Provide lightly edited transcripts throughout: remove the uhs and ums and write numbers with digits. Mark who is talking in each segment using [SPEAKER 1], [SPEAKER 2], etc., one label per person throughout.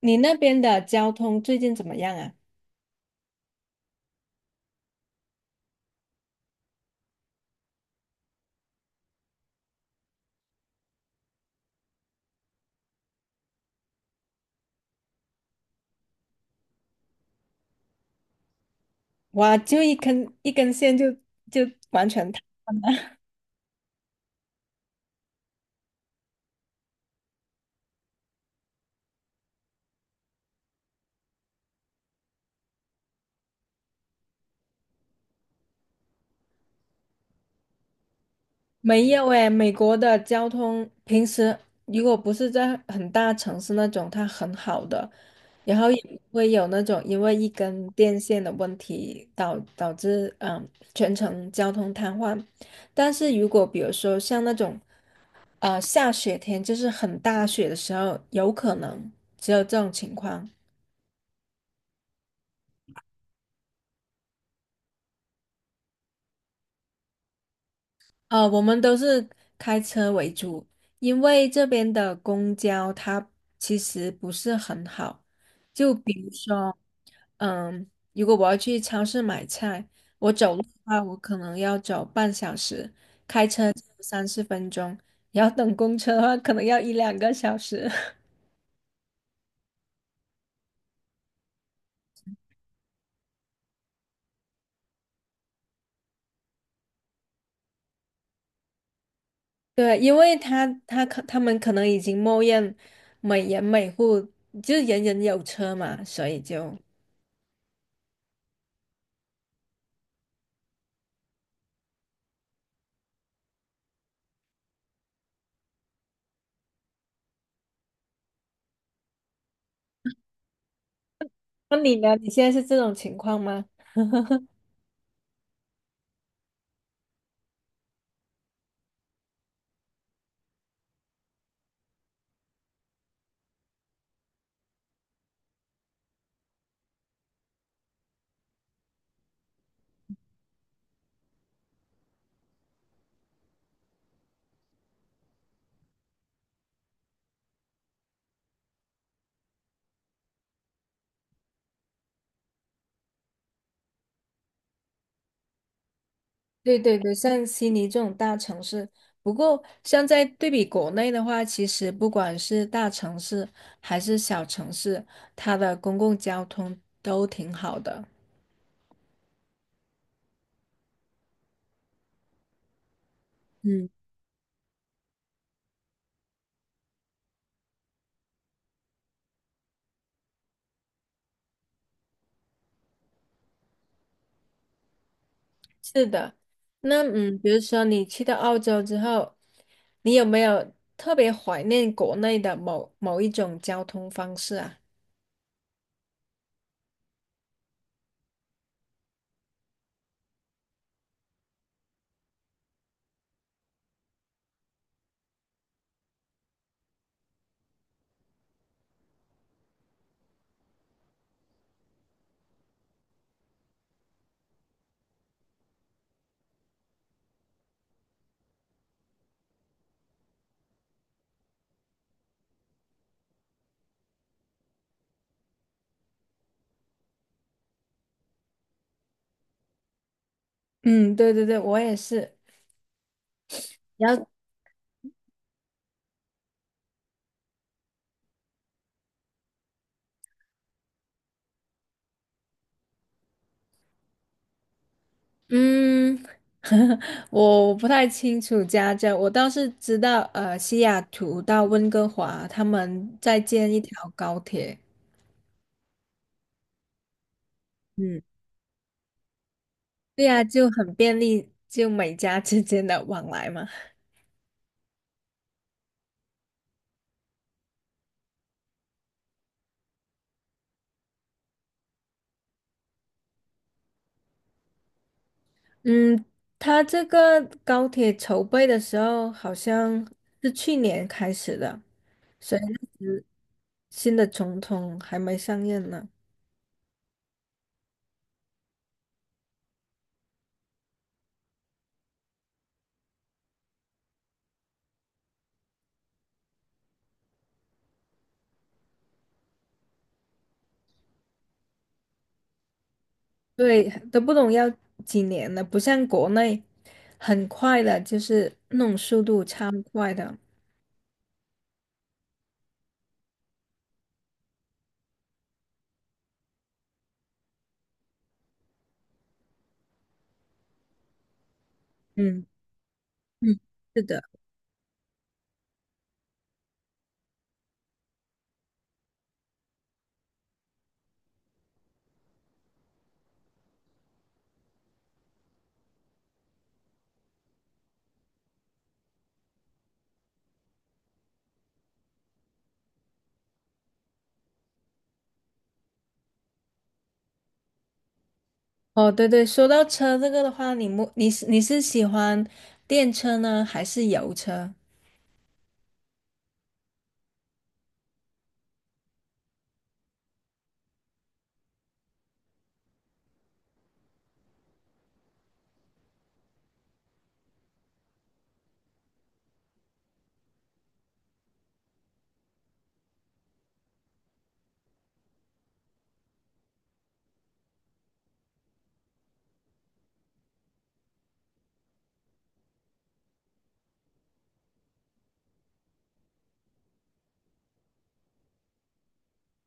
[SPEAKER 1] 你那边的交通最近怎么样啊？哇，就一根一根线就完全瘫了。没有诶，美国的交通平时如果不是在很大城市那种，它很好的，然后也不会有那种因为一根电线的问题导致全程交通瘫痪。但是如果比如说像那种下雪天，就是很大雪的时候，有可能只有这种情况。我们都是开车为主，因为这边的公交它其实不是很好。就比如说，嗯，如果我要去超市买菜，我走路的话，我可能要走半小时，开车三四分钟，然后等公车的话，可能要一两个小时。对，因为他们可能已经默认每人每户就是人人有车嘛，所以就。那你呢？你现在是这种情况吗？对对对，像悉尼这种大城市，不过像在对比国内的话，其实不管是大城市还是小城市，它的公共交通都挺好的。嗯，是的，那比如说你去到澳洲之后，你有没有特别怀念国内的某某一种交通方式啊？嗯，对对对，我也是。嗯，我不太清楚家政，我倒是知道，西雅图到温哥华，他们在建一条高铁，嗯，对呀，就很便利，就美加之间的往来嘛。嗯，他这个高铁筹备的时候好像是去年开始的，所以新的总统还没上任呢。对，都不懂要几年了，不像国内很快的，就是那种速度超快的。嗯嗯，是的。哦，对对，说到车这个的话，你是喜欢电车呢，还是油车？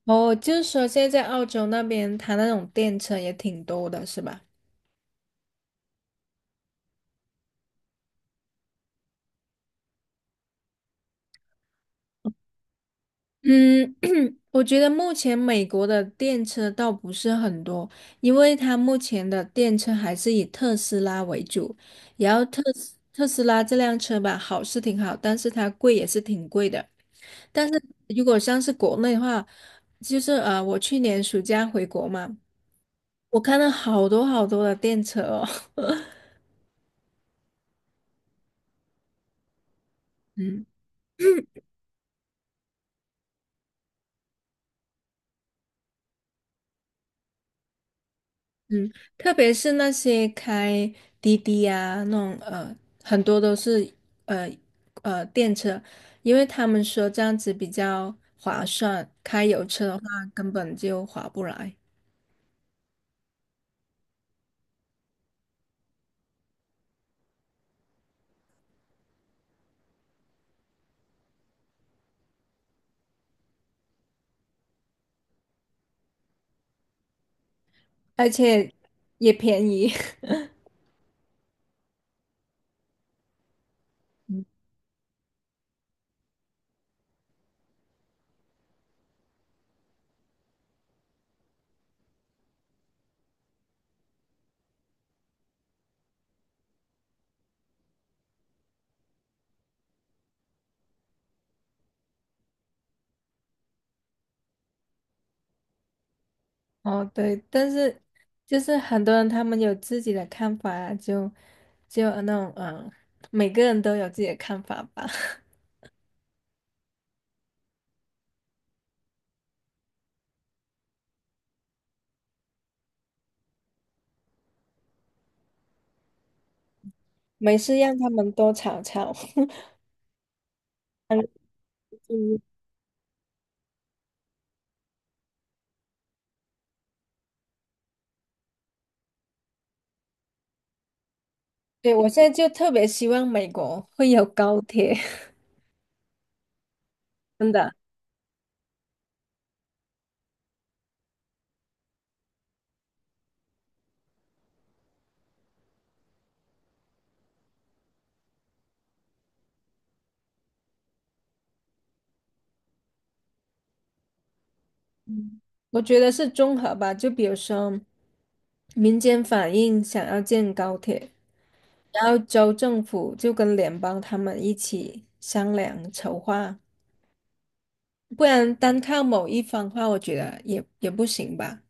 [SPEAKER 1] 哦，就是说现在在澳洲那边，它那种电车也挺多的，是吧？嗯，我觉得目前美国的电车倒不是很多，因为它目前的电车还是以特斯拉为主。然后特斯拉这辆车吧，好是挺好，但是它贵也是挺贵的。但是如果像是国内的话，就是我去年暑假回国嘛，我看到好多好多的电车哦。嗯嗯，特别是那些开滴滴啊，那种很多都是呃电车，因为他们说这样子比较划算，开油车的话根本就划不来，而且也便宜。哦，对，但是就是很多人他们有自己的看法啊，就那种每个人都有自己的看法吧，没事让他们多吵吵。对，我现在就特别希望美国会有高铁，真的，我觉得是综合吧，就比如说民间反映想要建高铁，然后州政府就跟联邦他们一起商量筹划，不然单靠某一方的话，我觉得也不行吧。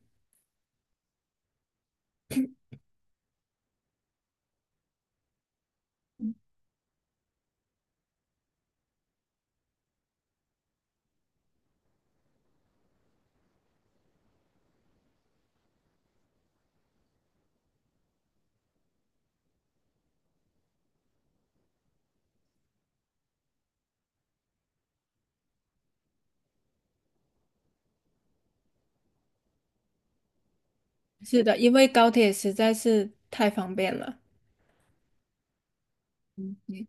[SPEAKER 1] 是的，因为高铁实在是太方便了。嗯，对，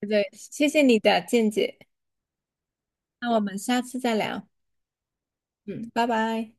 [SPEAKER 1] 对谢谢你的见解，那我们下次再聊。嗯，拜拜。